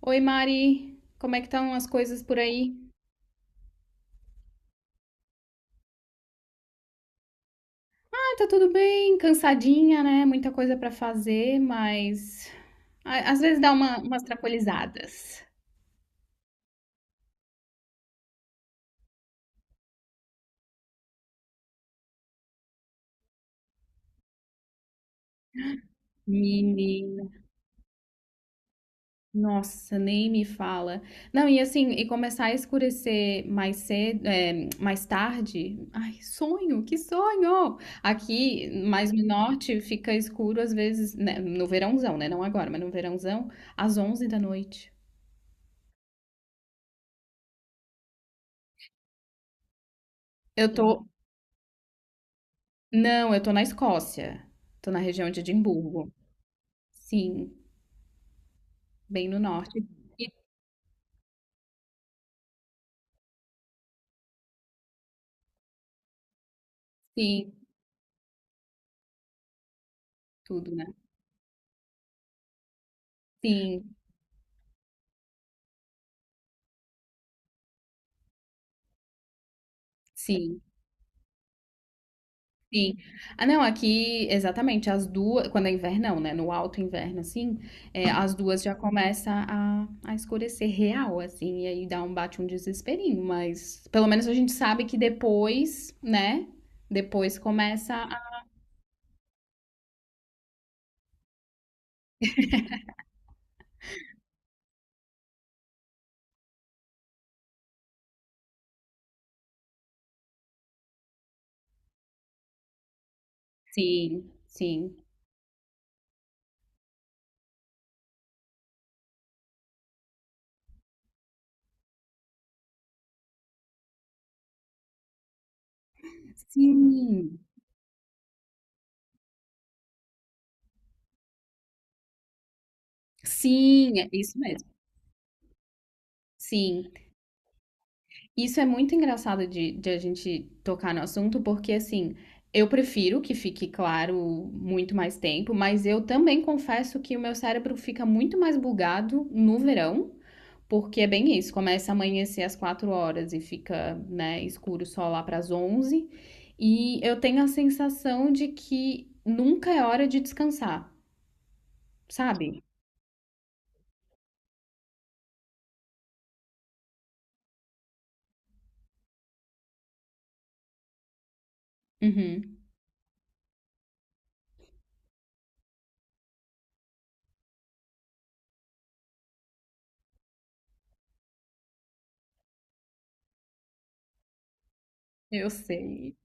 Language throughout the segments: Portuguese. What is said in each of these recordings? Oi, Mari. Como é que estão as coisas por aí? Ah, tá tudo bem, cansadinha, né? Muita coisa pra fazer, mas às vezes dá umas trapolizadas. Menina, nossa, nem me fala. Não, e assim, e começar a escurecer mais cedo, mais tarde. Ai, sonho, que sonho! Aqui, mais no norte, fica escuro às vezes, né? No verãozão, né? Não agora, mas no verãozão, às 11 da noite. Eu tô Não, eu tô na Escócia. Tô na região de Edimburgo. Sim, bem no norte. Sim, tudo, né? Sim, sim, sim. Ah, não, aqui, exatamente, as duas, quando é invernão, né? No alto inverno, assim, as duas já a escurecer real, assim, e aí dá um bate um desesperinho, mas pelo menos a gente sabe que depois, né? Depois começa a. Sim, sim. Sim, sim, é isso mesmo. Sim. Isso é muito engraçado de a gente tocar no assunto, porque assim, eu prefiro que fique claro muito mais tempo, mas eu também confesso que o meu cérebro fica muito mais bugado no verão, porque é bem isso, começa a amanhecer às 4 horas e fica, né, escuro só lá para as 11 e eu tenho a sensação de que nunca é hora de descansar, sabe? Uhum, eu sei.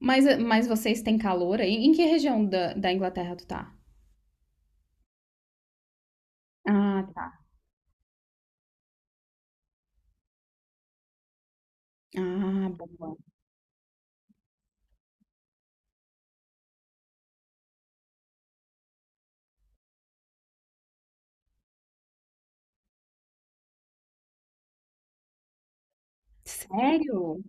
Mas vocês têm calor aí? Em que região da Inglaterra tu tá? Ah, ah, boa. Sério?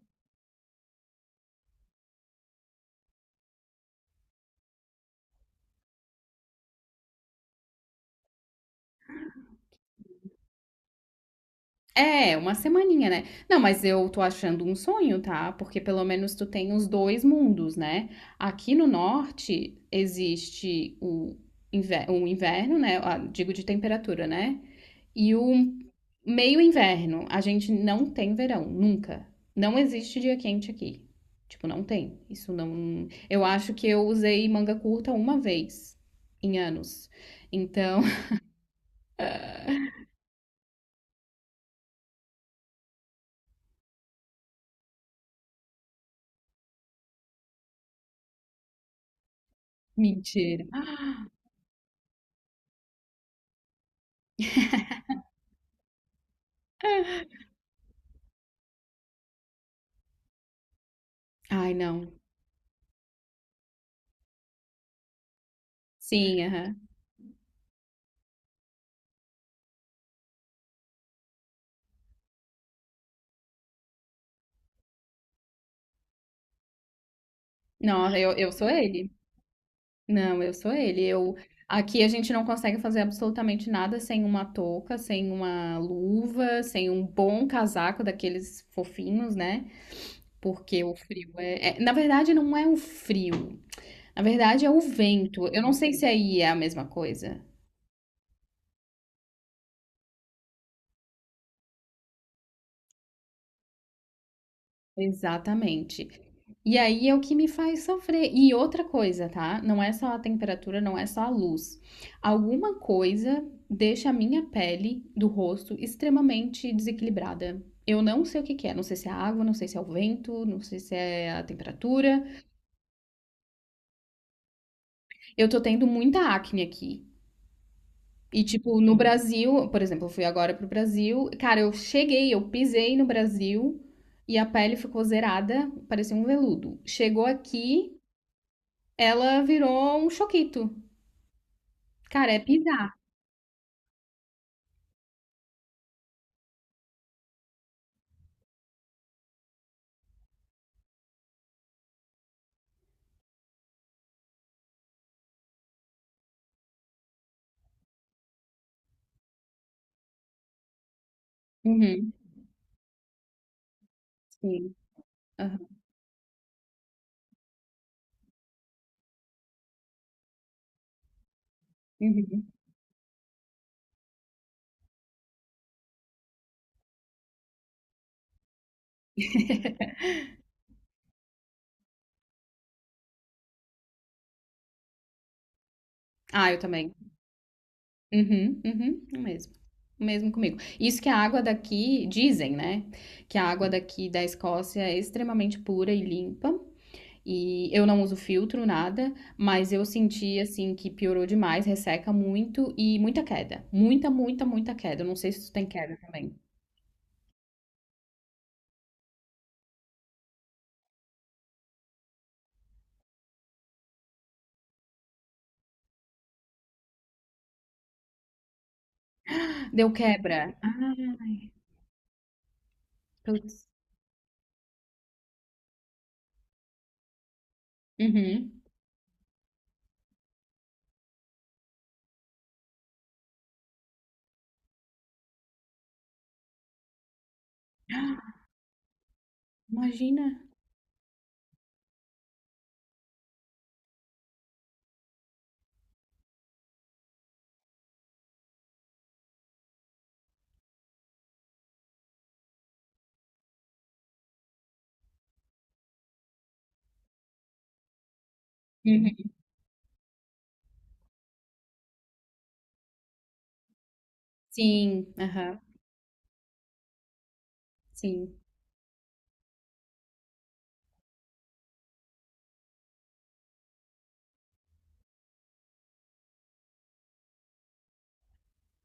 É, uma semaninha, né? Não, mas eu tô achando um sonho, tá? Porque pelo menos tu tem os dois mundos, né? Aqui no norte existe o inverno, né? Ah, digo de temperatura, né? E o meio inverno. A gente não tem verão, nunca. Não existe dia quente aqui. Tipo, não tem. Isso não. Eu acho que eu usei manga curta uma vez em anos. Então, mentira. Ai, não. Sim, aham. Não, eu sou ele. Não, eu sou ele. Eu, aqui a gente não consegue fazer absolutamente nada sem uma touca, sem uma luva, sem um bom casaco daqueles fofinhos, né? Porque o frio na verdade, não é o frio. Na verdade, é o vento. Eu não sei se aí é a mesma coisa. Exatamente. E aí é o que me faz sofrer. E outra coisa, tá? Não é só a temperatura, não é só a luz. Alguma coisa deixa a minha pele do rosto extremamente desequilibrada. Eu não sei o que que é, não sei se é a água, não sei se é o vento, não sei se é a temperatura. Eu tô tendo muita acne aqui. E tipo, no Brasil, por exemplo, eu fui agora pro Brasil, cara, eu cheguei, eu pisei no Brasil e a pele ficou zerada, parecia um veludo. Chegou aqui, ela virou um choquito. Cara, é pisar. Uhum, sim. Aham, uhum. Ah, eu também. Uhum, uhum, o mesmo. O mesmo comigo. Isso que a água daqui, dizem, né? Que a água daqui da Escócia é extremamente pura e limpa. E eu não uso filtro, nada, mas eu senti assim que piorou demais, resseca muito e muita queda. Muita, muita, muita queda. Eu não sei se tu tem queda também. Deu quebra. Ai, putz. Uhum. Imagina. Uhum. Sim, aham, sim.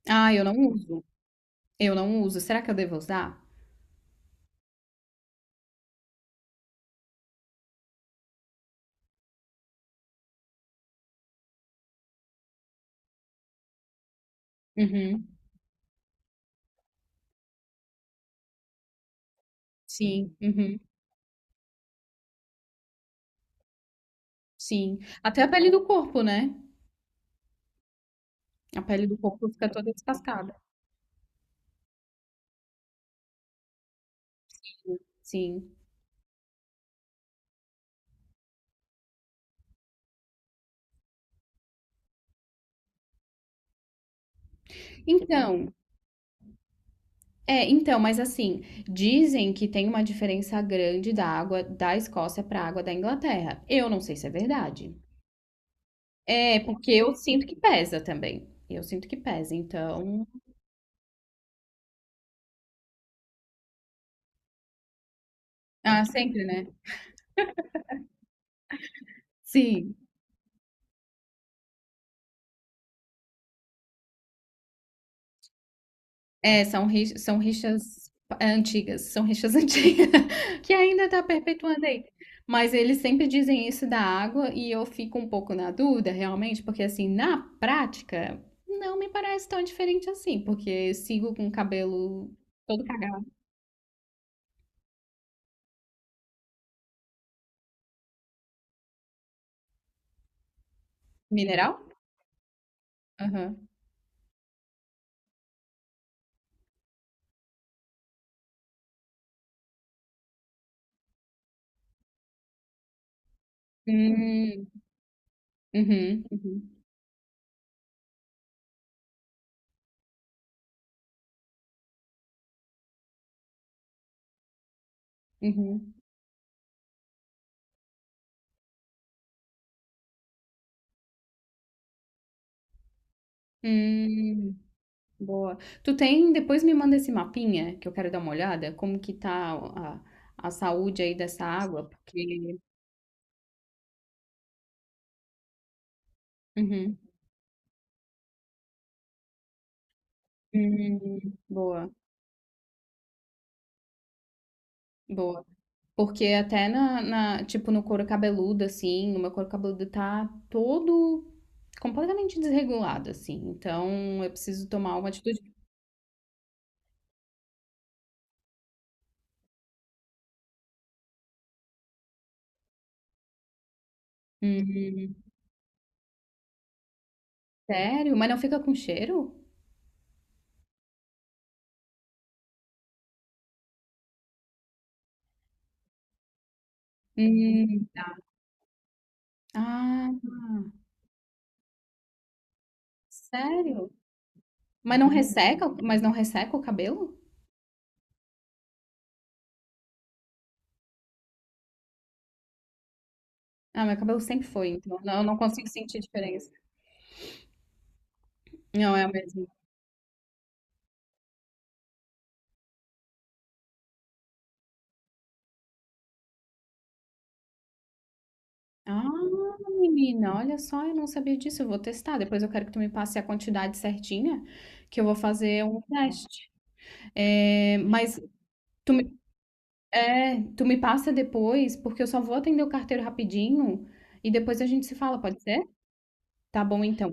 Ah, eu não uso. Eu não uso. Será que eu devo usar? Uhum. Sim, uhum. Sim. Até a pele do corpo, né? A pele do corpo fica toda descascada. Sim. Então, é, então, mas assim, dizem que tem uma diferença grande da água da Escócia para a água da Inglaterra. Eu não sei se é verdade. É, porque eu sinto que pesa também. Eu sinto que pesa, então. Ah, sempre, né? Sim. São rixas é, antigas, são rixas antigas, que ainda está perpetuando aí. Mas eles sempre dizem isso da água e eu fico um pouco na dúvida, realmente, porque assim, na prática, não me parece tão diferente assim, porque eu sigo com o cabelo todo cagado. Mineral? Aham. Hum, uhum, uhum, uhum. Hum, boa. Tu tem, depois me manda esse mapinha, que eu quero dar uma olhada, como que tá a saúde aí dessa água, porque uhum. Boa, boa. Porque até tipo, no couro cabeludo, assim, o meu couro cabeludo tá todo completamente desregulado, assim. Então eu preciso tomar uma atitude. Hum, sério? Mas não fica com cheiro? Hum, ah, sério? Mas não resseca, o cabelo? Ah, meu cabelo sempre foi, então eu não consigo sentir diferença. Não é o mesmo. Ah, menina, olha só, eu não sabia disso. Eu vou testar. Depois eu quero que tu me passe a quantidade certinha, que eu vou fazer um teste. É, mas tu me, é, tu me passa depois, porque eu só vou atender o carteiro rapidinho e depois a gente se fala, pode ser? Tá bom então.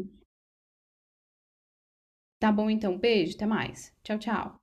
Tá bom então. Beijo, até mais. Tchau, tchau.